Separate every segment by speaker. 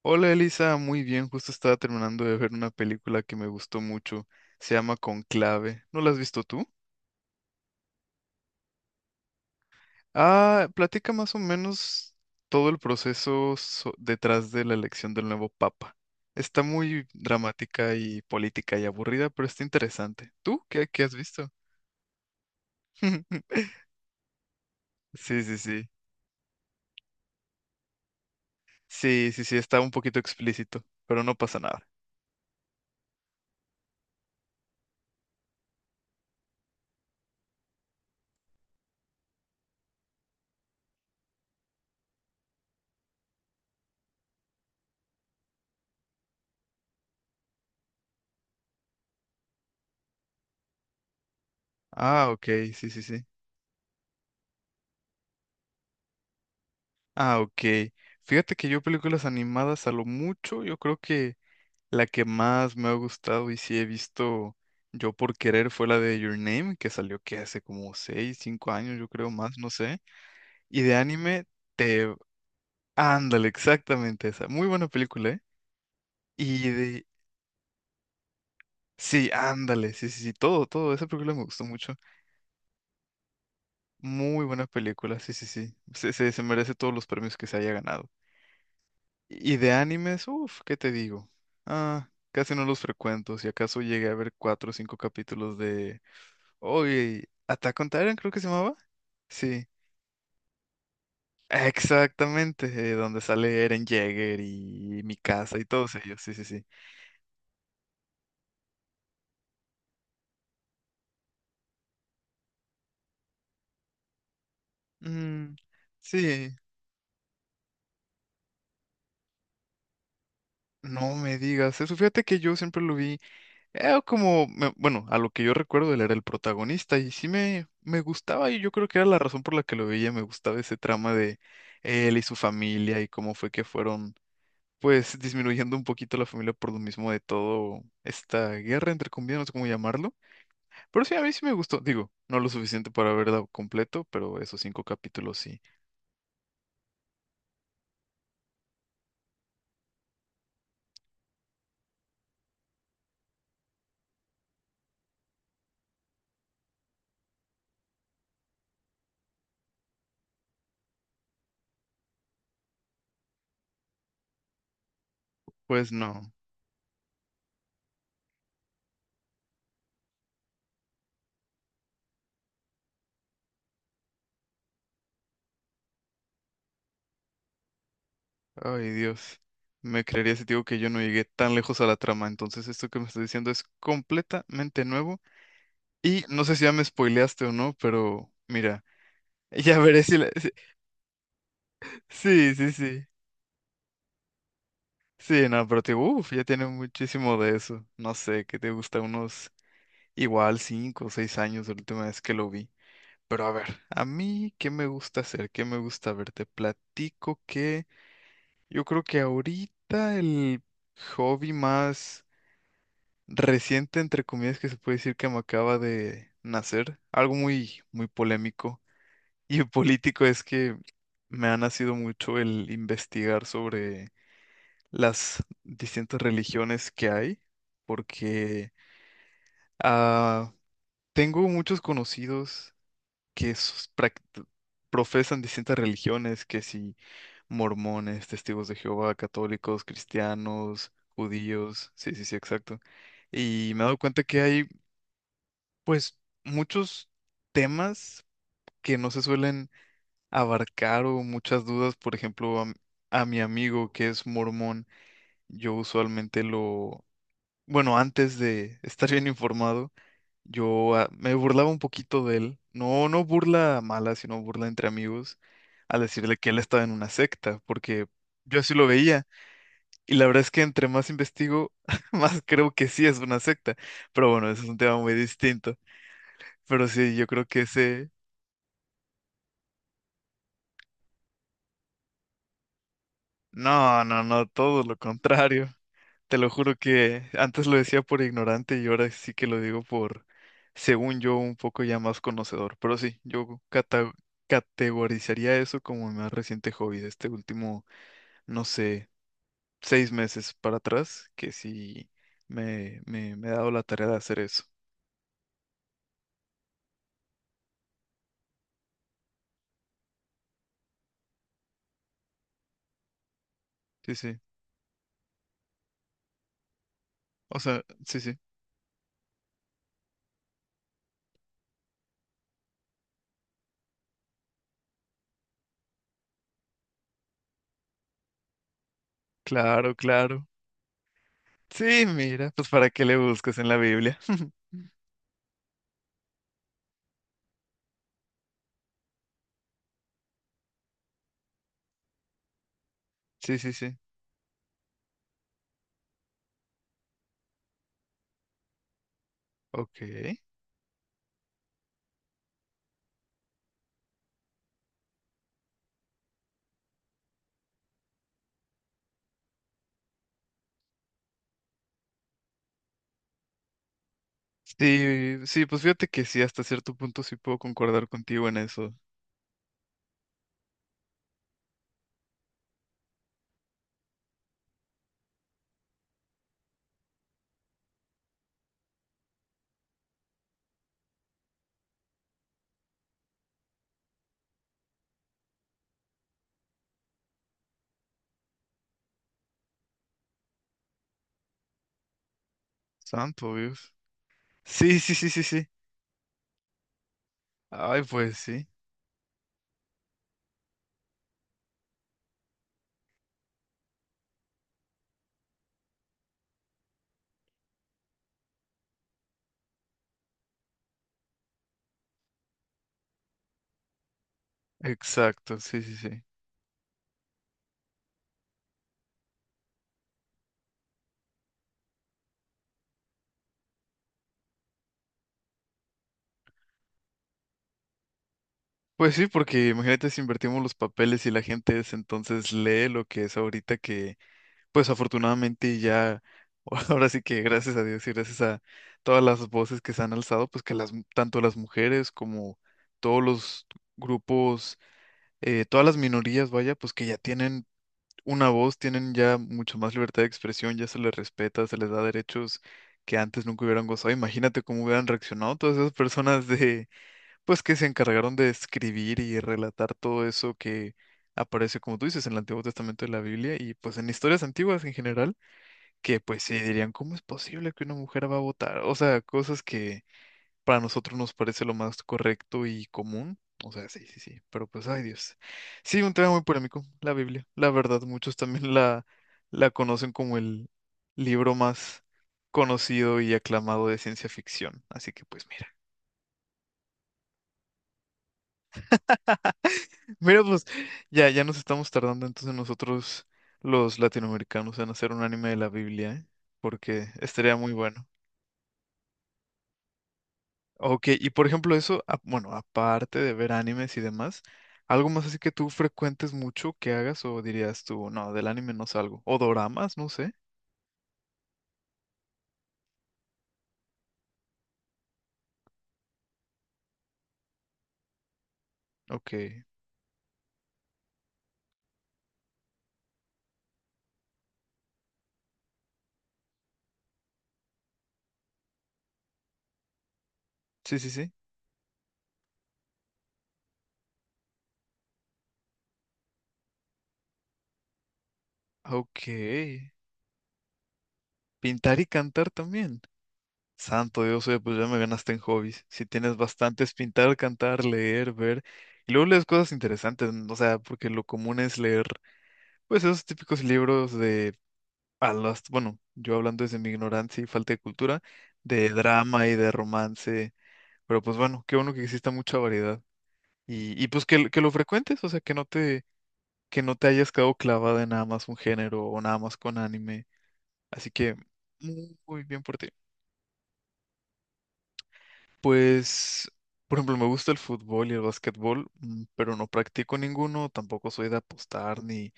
Speaker 1: Hola Elisa, muy bien, justo estaba terminando de ver una película que me gustó mucho, se llama Conclave, ¿no la has visto tú? Platica más o menos todo el proceso detrás de la elección del nuevo papa. Está muy dramática y política y aburrida, pero está interesante. ¿Tú qué has visto? Sí, sí, sí. Sí, sí, sí, está un poquito explícito, pero no pasa nada. Ah, ok, sí, sí, sí. Ah, ok. Fíjate que yo películas animadas a lo mucho, yo creo que la que más me ha gustado y sí he visto yo por querer fue la de Your Name, que salió que hace como 6 5 años, yo creo más, no sé. Y de anime, te... ándale, exactamente esa. Muy buena película, ¿eh? Y de... Sí, ándale, sí, sí, sí, todo, todo. Esa película me gustó mucho. Muy buena película, sí, sí, sí. Se merece todos los premios que se haya ganado. Y de animes, uff, ¿qué te digo? Casi no los frecuento. Si acaso llegué a ver cuatro o cinco capítulos de uy, Attack on Titan creo que se llamaba. Sí, exactamente, donde sale Eren Jaeger y Mikasa y todos ellos, sí, sí, sí. Mm, sí, no me digas eso. Fíjate que yo siempre lo vi a lo que yo recuerdo él era el protagonista y sí me gustaba y yo creo que era la razón por la que lo veía, me gustaba ese trama de él y su familia y cómo fue que fueron, pues, disminuyendo un poquito la familia por lo mismo de todo esta guerra, entre comillas, no sé cómo llamarlo. Pero sí, a mí sí me gustó. Digo, no lo suficiente para verlo completo, pero esos cinco capítulos sí. Pues no. Ay, Dios. Me creería si te digo que yo no llegué tan lejos a la trama. Entonces, esto que me estás diciendo es completamente nuevo. Y no sé si ya me spoileaste o no, pero mira, ya veré si la... si- Sí, sí, sí. Sí, no, pero te digo, uff, ya tiene muchísimo de eso. No sé, ¿qué te gusta? Unos igual cinco o seis años de la última vez que lo vi. Pero a ver, a mí, ¿qué me gusta hacer? ¿Qué me gusta ver? Te platico que yo creo que ahorita el hobby más reciente, entre comillas, que se puede decir que me acaba de nacer, algo muy, muy polémico y político es que me ha nacido mucho el investigar sobre las distintas religiones que hay, porque ah, tengo muchos conocidos que profesan distintas religiones, que si mormones, testigos de Jehová, católicos, cristianos, judíos, sí, sí, sí, exacto. Y me he dado cuenta que hay, pues, muchos temas que no se suelen abarcar o muchas dudas. Por ejemplo, a mi amigo que es mormón, yo usualmente, antes de estar bien informado, yo me burlaba un poquito de él. No, no burla mala, sino burla entre amigos al decirle que él estaba en una secta, porque yo así lo veía. Y la verdad es que entre más investigo, más creo que sí es una secta. Pero bueno, ese es un tema muy distinto. Pero sí, yo creo que No, no, no, todo lo contrario. Te lo juro que antes lo decía por ignorante y ahora sí que lo digo por, según yo, un poco ya más conocedor. Pero sí, categorizaría eso como mi más reciente hobby de este último, no sé, seis meses para atrás, que sí me he dado la tarea de hacer eso. Sí, sí. O sea, sí, sí. Claro, claro. Sí, mira, pues para qué le buscas en la Biblia. Sí, sí, sí. Ok. Sí, sí, pues fíjate que sí, hasta cierto punto sí puedo concordar contigo en eso. Santo Dios. Sí, sí, sí, sí, sí. Ay, pues sí. Exacto, sí, sí, sí. Pues sí, porque imagínate si invertimos los papeles y la gente es entonces lee lo que es ahorita que, pues afortunadamente ya, ahora sí que gracias a Dios y gracias a todas las voces que se han alzado, pues que las, tanto las mujeres como todos los grupos, todas las minorías, vaya, pues que ya tienen una voz, tienen ya mucho más libertad de expresión, ya se les respeta, se les da derechos que antes nunca hubieran gozado. Imagínate cómo hubieran reaccionado todas esas personas de, pues que se encargaron de escribir y relatar todo eso que aparece, como tú dices, en el Antiguo Testamento de la Biblia y pues en historias antiguas en general, que pues sí dirían, ¿cómo es posible que una mujer va a votar? O sea, cosas que para nosotros nos parece lo más correcto y común. O sea, sí, sí, sí, pero pues, ay Dios. Sí, un tema muy polémico, la Biblia. La verdad, muchos también la conocen como el libro más conocido y aclamado de ciencia ficción. Así que pues mira, mira, pues ya nos estamos tardando entonces nosotros los latinoamericanos en hacer un anime de la Biblia, ¿eh? Porque estaría muy bueno. Ok, y por ejemplo eso, aparte de ver animes y demás, algo más así que tú frecuentes mucho que hagas o dirías tú, no, del anime no salgo. O doramas, no sé. Ok, sí, sí, sí. Ok, pintar y cantar también. Santo Dios, oye, pues ya me ganaste en hobbies. Si tienes bastantes, pintar, cantar, leer, ver. Y luego lees cosas interesantes, o sea, porque lo común es leer, pues esos típicos libros de yo hablando desde mi ignorancia y falta de cultura, de drama y de romance, pero pues bueno, qué bueno que exista mucha variedad. Y pues que lo frecuentes, o sea, que no te hayas quedado clavada en nada más un género o nada más con anime. Así que muy, muy bien por ti. Pues, por ejemplo, me gusta el fútbol y el básquetbol, pero no practico ninguno, tampoco soy de apostar ni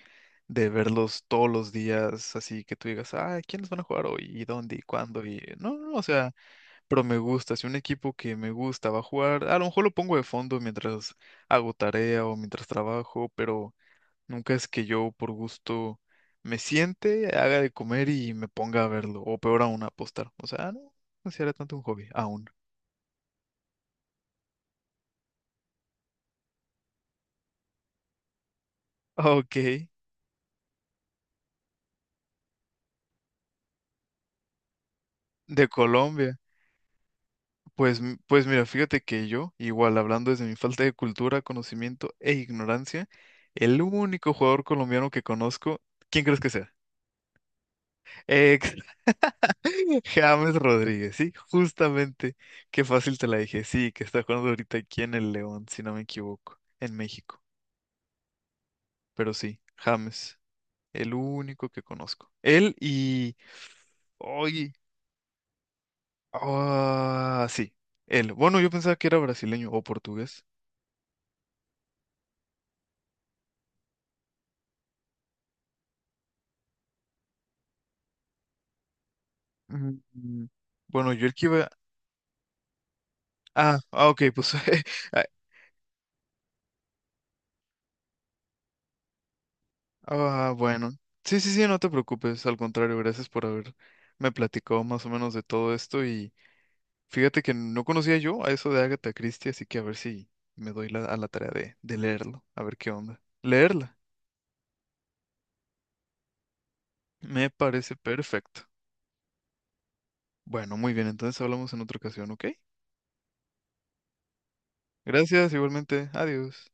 Speaker 1: de verlos todos los días, así que tú digas, ah, ¿quiénes van a jugar hoy? ¿Y dónde? ¿Y cuándo? Y no, no, o sea, pero me gusta, si un equipo que me gusta va a jugar, a lo mejor lo pongo de fondo mientras hago tarea o mientras trabajo, pero nunca es que yo por gusto me siente, haga de comer y me ponga a verlo, o peor aún, a apostar. O sea, "Ah, no considera tanto un hobby, aún. Ok, de Colombia. Pues, pues mira, fíjate que yo, igual hablando desde mi falta de cultura, conocimiento e ignorancia, el único jugador colombiano que conozco, ¿quién crees que sea? Ex James Rodríguez, sí, justamente. Qué fácil te la dije. Sí, que está jugando ahorita aquí en el León, si no me equivoco, en México. Pero sí, James, el único que conozco. Oye, ah, sí, él. Bueno, yo pensaba que era brasileño o portugués. Mm, Bueno, yo el que iba... Ah, ah, ok, pues... ah, ah, bueno. Sí, sí, sí, no te preocupes. Al contrario, gracias por haberme platicado más o menos de todo esto y... Fíjate que no conocía yo a eso de Agatha Christie, así que a ver si me doy a la tarea de leerlo, a ver qué onda. Leerla. Me parece perfecto. Bueno, muy bien, entonces hablamos en otra ocasión, ¿ok? Gracias, igualmente. Adiós.